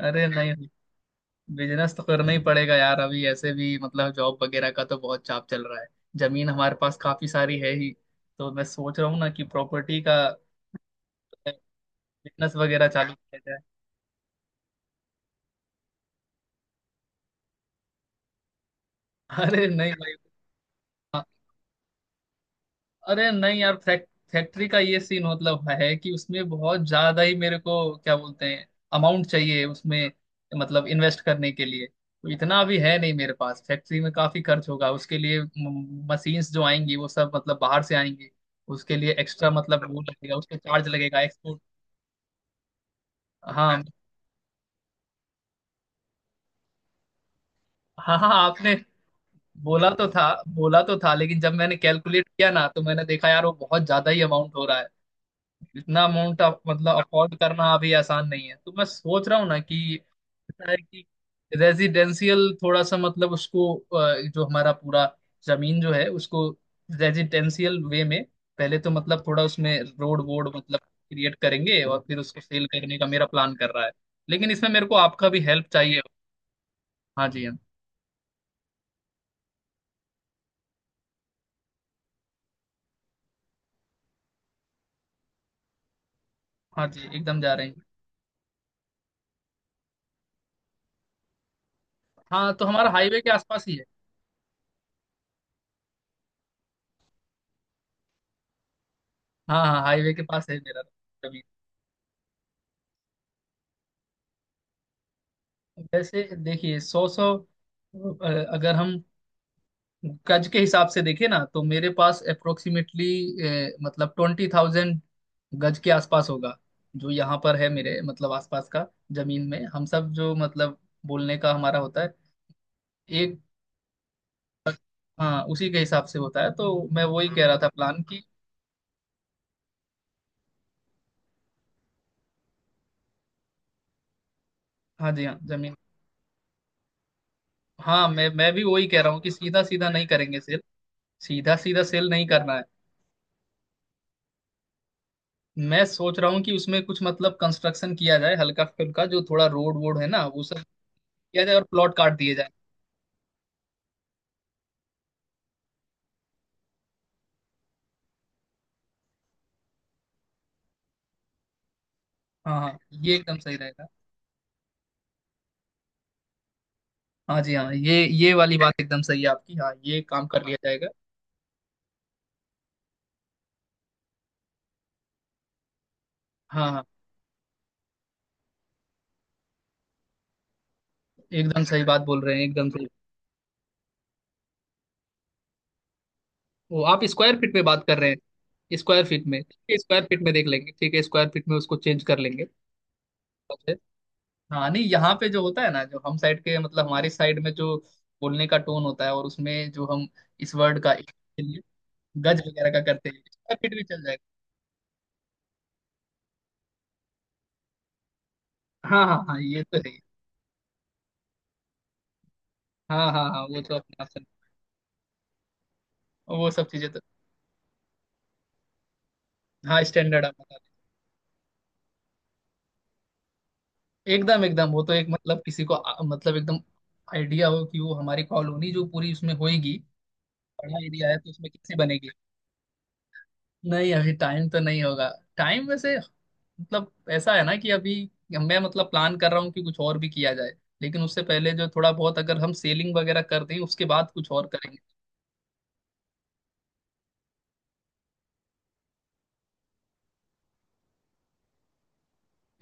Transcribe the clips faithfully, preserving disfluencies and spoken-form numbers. अरे नहीं। बिजनेस तो करना ही पड़ेगा यार। अभी ऐसे भी मतलब जॉब वगैरह का तो बहुत चाप चल रहा है। जमीन हमारे पास काफी सारी है ही, तो मैं सोच रहा हूँ ना कि प्रॉपर्टी का बिजनेस वगैरह चालू किया जाए। अरे नहीं भाई। अरे नहीं यार, फैक, फैक्ट्री का ये सीन मतलब है कि उसमें बहुत ज्यादा ही मेरे को क्या बोलते हैं, अमाउंट चाहिए उसमें। मतलब इन्वेस्ट करने के लिए तो इतना अभी है नहीं मेरे पास। फैक्ट्री में काफी खर्च होगा उसके लिए। मशीन्स जो आएंगी वो सब मतलब बाहर से आएंगी। उसके लिए एक्स्ट्रा मतलब वो लगेगा, उसका चार्ज लगेगा एक्सपोर्ट। हाँ हाँ हाँ आपने बोला तो था। बोला तो था लेकिन जब मैंने कैलकुलेट किया ना तो मैंने देखा यार वो बहुत ज्यादा ही अमाउंट हो रहा है। इतना अमाउंट आप मतलब अफोर्ड करना अभी आसान नहीं है, तो मैं सोच रहा हूँ ना कि ऐसा है कि रेजिडेंशियल थोड़ा सा मतलब उसको अ, जो हमारा पूरा जमीन जो है उसको रेजिडेंशियल वे में, पहले तो मतलब थोड़ा उसमें रोड वोड मतलब क्रिएट करेंगे और फिर उसको सेल करने का मेरा प्लान कर रहा है। लेकिन इसमें मेरे को आपका भी हेल्प चाहिए। हाँ जी हाँ। हाँ जी एकदम जा रहे हैं। हाँ तो हमारा हाईवे के आसपास ही है। हाँ हाँ हाईवे के पास है मेरा जमीन। वैसे देखिए सौ सौ अ, अगर हम गज के हिसाब से देखिए ना तो मेरे पास अप्रोक्सीमेटली मतलब ट्वेंटी थाउजेंड गज के आसपास होगा, जो यहाँ पर है मेरे मतलब आसपास का। जमीन में हम सब जो मतलब बोलने का हमारा होता है एक। हाँ उसी के हिसाब से होता है तो मैं वही कह रहा था प्लान की। हाँ जी हाँ जमीन। हाँ मैं मैं भी वही कह रहा हूँ कि सीधा सीधा नहीं करेंगे सेल। सीधा सीधा सेल नहीं करना है। मैं सोच रहा हूँ कि उसमें कुछ मतलब कंस्ट्रक्शन किया जाए, हल्का फुल्का जो थोड़ा रोड वोड है ना वो सब किया जाए और प्लॉट काट दिए जाए। हाँ हाँ ये एकदम सही रहेगा। हाँ जी हाँ, ये ये वाली बात एकदम सही है आपकी। हाँ ये काम कर लिया जाएगा। हाँ हाँ एकदम सही बात बोल रहे हैं एकदम सही। वो आप स्क्वायर फीट में बात कर रहे हैं? स्क्वायर फीट में ठीक है। स्क्वायर फीट में देख लेंगे, ठीक है। स्क्वायर फीट में उसको चेंज कर लेंगे। हाँ नहीं यहाँ पे जो होता है ना, जो हम साइड के मतलब हमारी साइड में जो बोलने का टोन होता है और उसमें जो हम इस वर्ड का के लिए गज वगैरह का करते हैं, स्क्वायर फीट भी चल जाएगा। हाँ हाँ हाँ ये तो है ही। हाँ हाँ हाँ वो तो अपने आप से। वो सब चीजें तो हाँ स्टैंडर्ड आप बता। एकदम एकदम वो तो एक मतलब किसी को आ- मतलब एकदम आइडिया हो कि वो हमारी कॉलोनी जो पूरी उसमें होएगी। बड़ा एरिया है तो उसमें कैसे बनेगी? नहीं अभी टाइम तो नहीं होगा। टाइम वैसे मतलब ऐसा है ना कि अभी मैं मतलब प्लान कर रहा हूँ कि कुछ और भी किया जाए। लेकिन उससे पहले जो थोड़ा बहुत अगर हम सेलिंग वगैरह कर दें उसके बाद कुछ और करेंगे।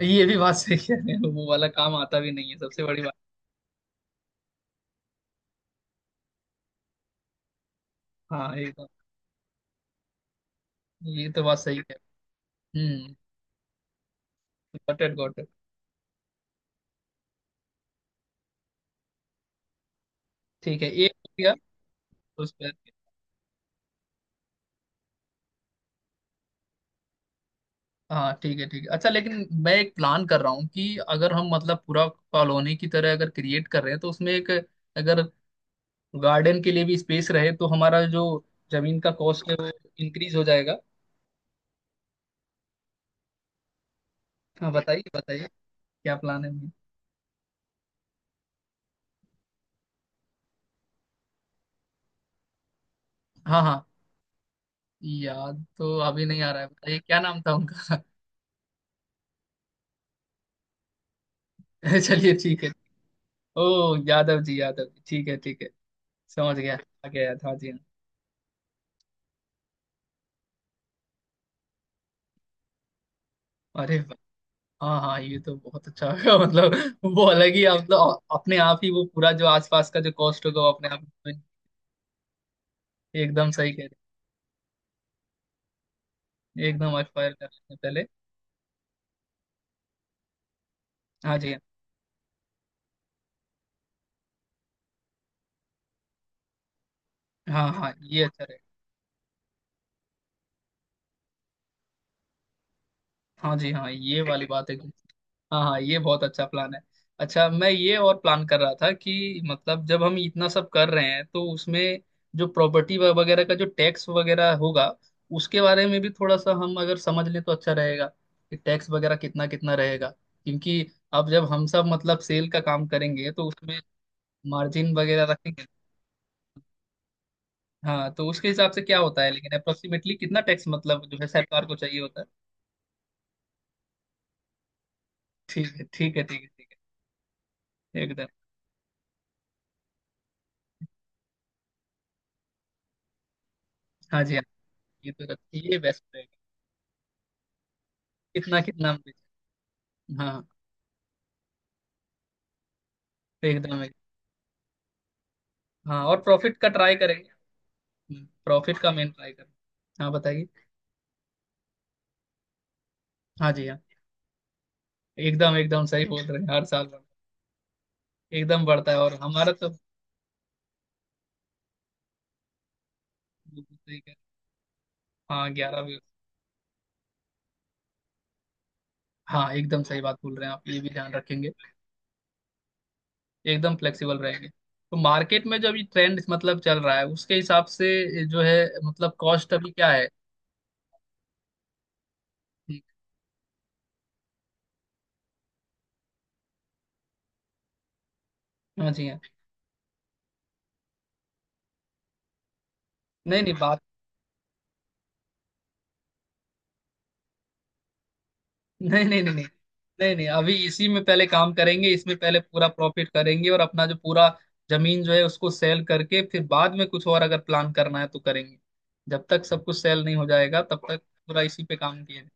ये भी बात सही कह रहे हो, वो वाला काम आता भी नहीं है सबसे बड़ी बात। हाँ एकदम। ये तो बात सही है। हम्म। Got it got it. ठीक है एक हो गया उस पर। हाँ ठीक है ठीक है अच्छा। लेकिन मैं एक प्लान कर रहा हूँ कि अगर हम मतलब पूरा कॉलोनी की तरह अगर क्रिएट कर रहे हैं तो उसमें एक अगर गार्डन के लिए भी स्पेस रहे, तो हमारा जो जमीन का कॉस्ट है वो इंक्रीज हो जाएगा। हाँ बताइए बताइए, क्या प्लान है अभी? हाँ हाँ। याद तो अभी नहीं आ रहा है, बताइए क्या नाम था उनका। चलिए ठीक है। ओ, यादव जी यादव जी ठीक है ठीक है। समझ गया, आ गया याद। हाँ जी हाँ। अरे, हाँ हाँ ये तो बहुत अच्छा होगा। मतलब वो अलग ही आप अपने आप ही वो पूरा जो आसपास का जो कॉस्ट होगा वो अपने आप ही- एकदम सही कह रहे हैं एकदम। एक्सपायर करने से पहले हाँ जी हाँ। हाँ हाँ ये अच्छा रहेगा। हाँ जी हाँ ये वाली बात है। हाँ हाँ ये बहुत अच्छा प्लान है। अच्छा मैं ये और प्लान कर रहा था कि मतलब जब हम इतना सब कर रहे हैं तो उसमें जो प्रॉपर्टी वगैरह का जो टैक्स वगैरह होगा उसके बारे में भी थोड़ा सा हम अगर समझ लें तो अच्छा रहेगा कि टैक्स वगैरह कितना कितना रहेगा, क्योंकि अब जब हम सब मतलब सेल का काम करेंगे तो उसमें मार्जिन वगैरह रखेंगे। हाँ तो उसके हिसाब से क्या होता है, लेकिन अप्रोक्सीमेटली कितना टैक्स मतलब जो है सरकार को चाहिए होता है? ठीक है ठीक है ठीक है ठीक है एकदम। हाँ जी हाँ ये तो ये बेस्ट रहेगा। कितना कितना। हाँ एकदम एक। हाँ और प्रॉफिट का ट्राई करेंगे। प्रॉफिट का मेन ट्राई करें। हाँ बताइए। हाँ जी हाँ। एकदम एकदम सही बोल रहे हैं हर साल बढ़- एकदम बढ़ता है और हमारा तो बिल्कुल सही कह। हाँ ग्यारह भी हाँ एकदम सही बात बोल रहे हैं आप, ये भी ध्यान रखेंगे। एकदम फ्लेक्सिबल रहेंगे तो मार्केट में जो अभी ट्रेंड मतलब चल रहा है उसके हिसाब से जो है मतलब कॉस्ट अभी क्या है। हाँ जी हाँ। नहीं नहीं नहीं नहीं नहीं नहीं नहीं नहीं अभी इसी में पहले काम करेंगे। इसमें पहले पूरा प्रॉफिट करेंगे और अपना जो पूरा जमीन जो है उसको सेल करके फिर बाद में कुछ और अगर प्लान करना है तो करेंगे। जब तक सब कुछ सेल नहीं हो जाएगा तब तक पूरा इसी पे काम किए।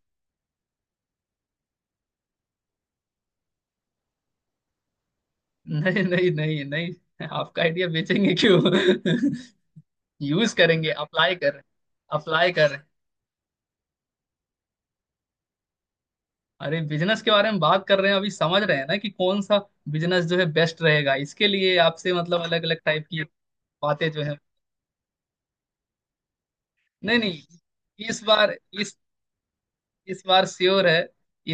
नहीं नहीं नहीं नहीं आपका आइडिया बेचेंगे क्यों। यूज करेंगे अप्लाई कर रहे हैं अप्लाई कर रहे हैं। अरे बिजनेस के बारे में बात कर रहे हैं अभी समझ रहे हैं ना कि कौन सा बिजनेस जो है बेस्ट रहेगा इसके लिए आपसे मतलब अलग अलग टाइप की बातें जो है। नहीं नहीं इस बार इस इस बार श्योर है।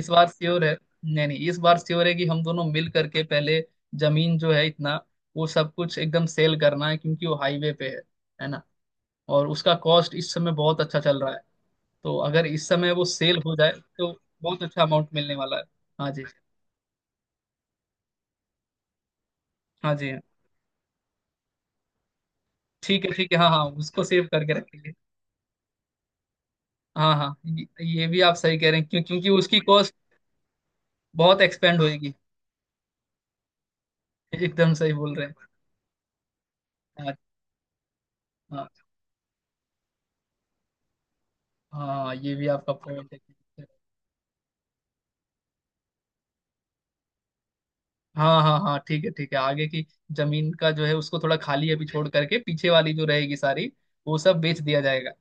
इस बार श्योर है। नहीं नहीं इस बार श्योर है कि हम दोनों मिल करके पहले जमीन जो है इतना वो सब कुछ एकदम सेल करना है क्योंकि वो हाईवे पे है है ना? और उसका कॉस्ट इस समय बहुत अच्छा चल रहा है, तो अगर इस समय वो सेल हो जाए तो बहुत अच्छा अमाउंट मिलने वाला है। हाँ जी। हाँ जी हाँ। ठीक है ठीक है हाँ हाँ उसको सेव करके रखेंगे। हाँ हाँ ये, ये भी आप सही कह रहे हैं क्यों क्योंकि उसकी कॉस्ट बहुत एक्सपेंड होएगी। एकदम सही बोल रहे हैं। हाँ हाँ हाँ ये भी आपका पॉइंट है। हाँ हाँ हाँ ठीक है ठीक है। आगे की जमीन का जो है उसको थोड़ा खाली अभी छोड़ करके, पीछे वाली जो रहेगी सारी वो सब बेच दिया जाएगा।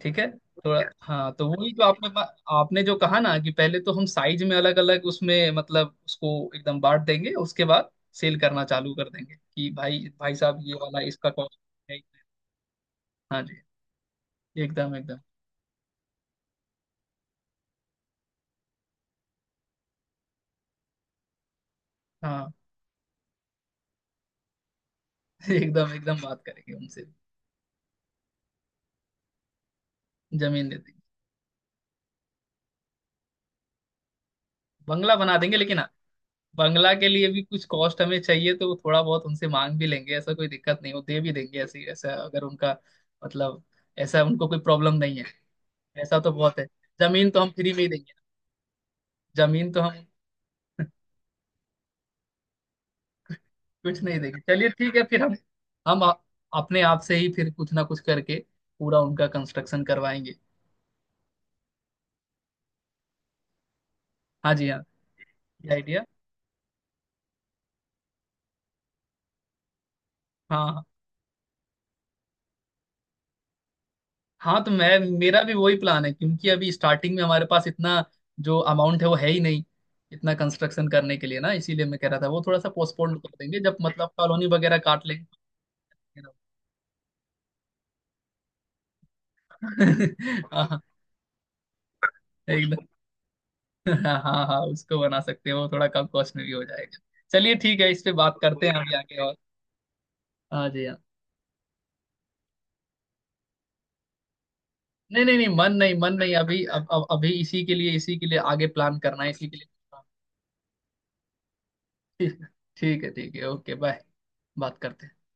ठीक है थोड़ा हाँ तो वही जो आपने बा- आपने जो कहा ना कि पहले तो हम साइज में अलग अलग उसमें मतलब उसको एकदम बांट देंगे उसके बाद सेल करना चालू कर देंगे कि भाई भाई साहब ये वाला इसका कॉस्ट है इतना। हाँ जी एकदम एकदम। हाँ एकदम एकदम बात करेंगे उनसे। जमीन दे देंगे बंगला बना देंगे। लेकिन बंगला के लिए भी कुछ कॉस्ट हमें चाहिए तो थोड़ा बहुत उनसे मांग भी लेंगे, ऐसा कोई दिक्कत नहीं वो दे भी देंगे। ऐसी ऐसा अगर उनका मतलब ऐसा उनको कोई प्रॉब्लम नहीं है। ऐसा तो बहुत है। जमीन तो हम फ्री में ही देंगे। जमीन तो हम कुछ नहीं देंगे। चलिए ठीक है फिर हम हम अ- अपने आप से ही फिर कुछ ना कुछ करके पूरा उनका कंस्ट्रक्शन करवाएंगे। हाँ जी हाँ ये आइडिया हाँ हाँ। हाँ तो मैं मेरा भी वही प्लान है क्योंकि अभी स्टार्टिंग में हमारे पास इतना जो अमाउंट है वो है ही नहीं, इतना कंस्ट्रक्शन करने के लिए ना, इसीलिए मैं कह रहा था वो थोड़ा सा पोस्टपोन कर देंगे जब मतलब कॉलोनी वगैरह काट लेंगे। हाँ एकदम। हाँ हाँ हाँ, उसको बना सकते हैं वो थोड़ा कम कॉस्ट में भी हो जाएगा। चलिए ठीक है इस पे बात करते हैं अभी आगे और। हाँ जी हाँ। नहीं नहीं नहीं मन नहीं मन नहीं अभी, अब अब अभी इसी के लिए इसी के लिए आगे प्लान करना है इसी के लिए। ठीक ठीक है ठीक है ओके बाय। बात करते हैं।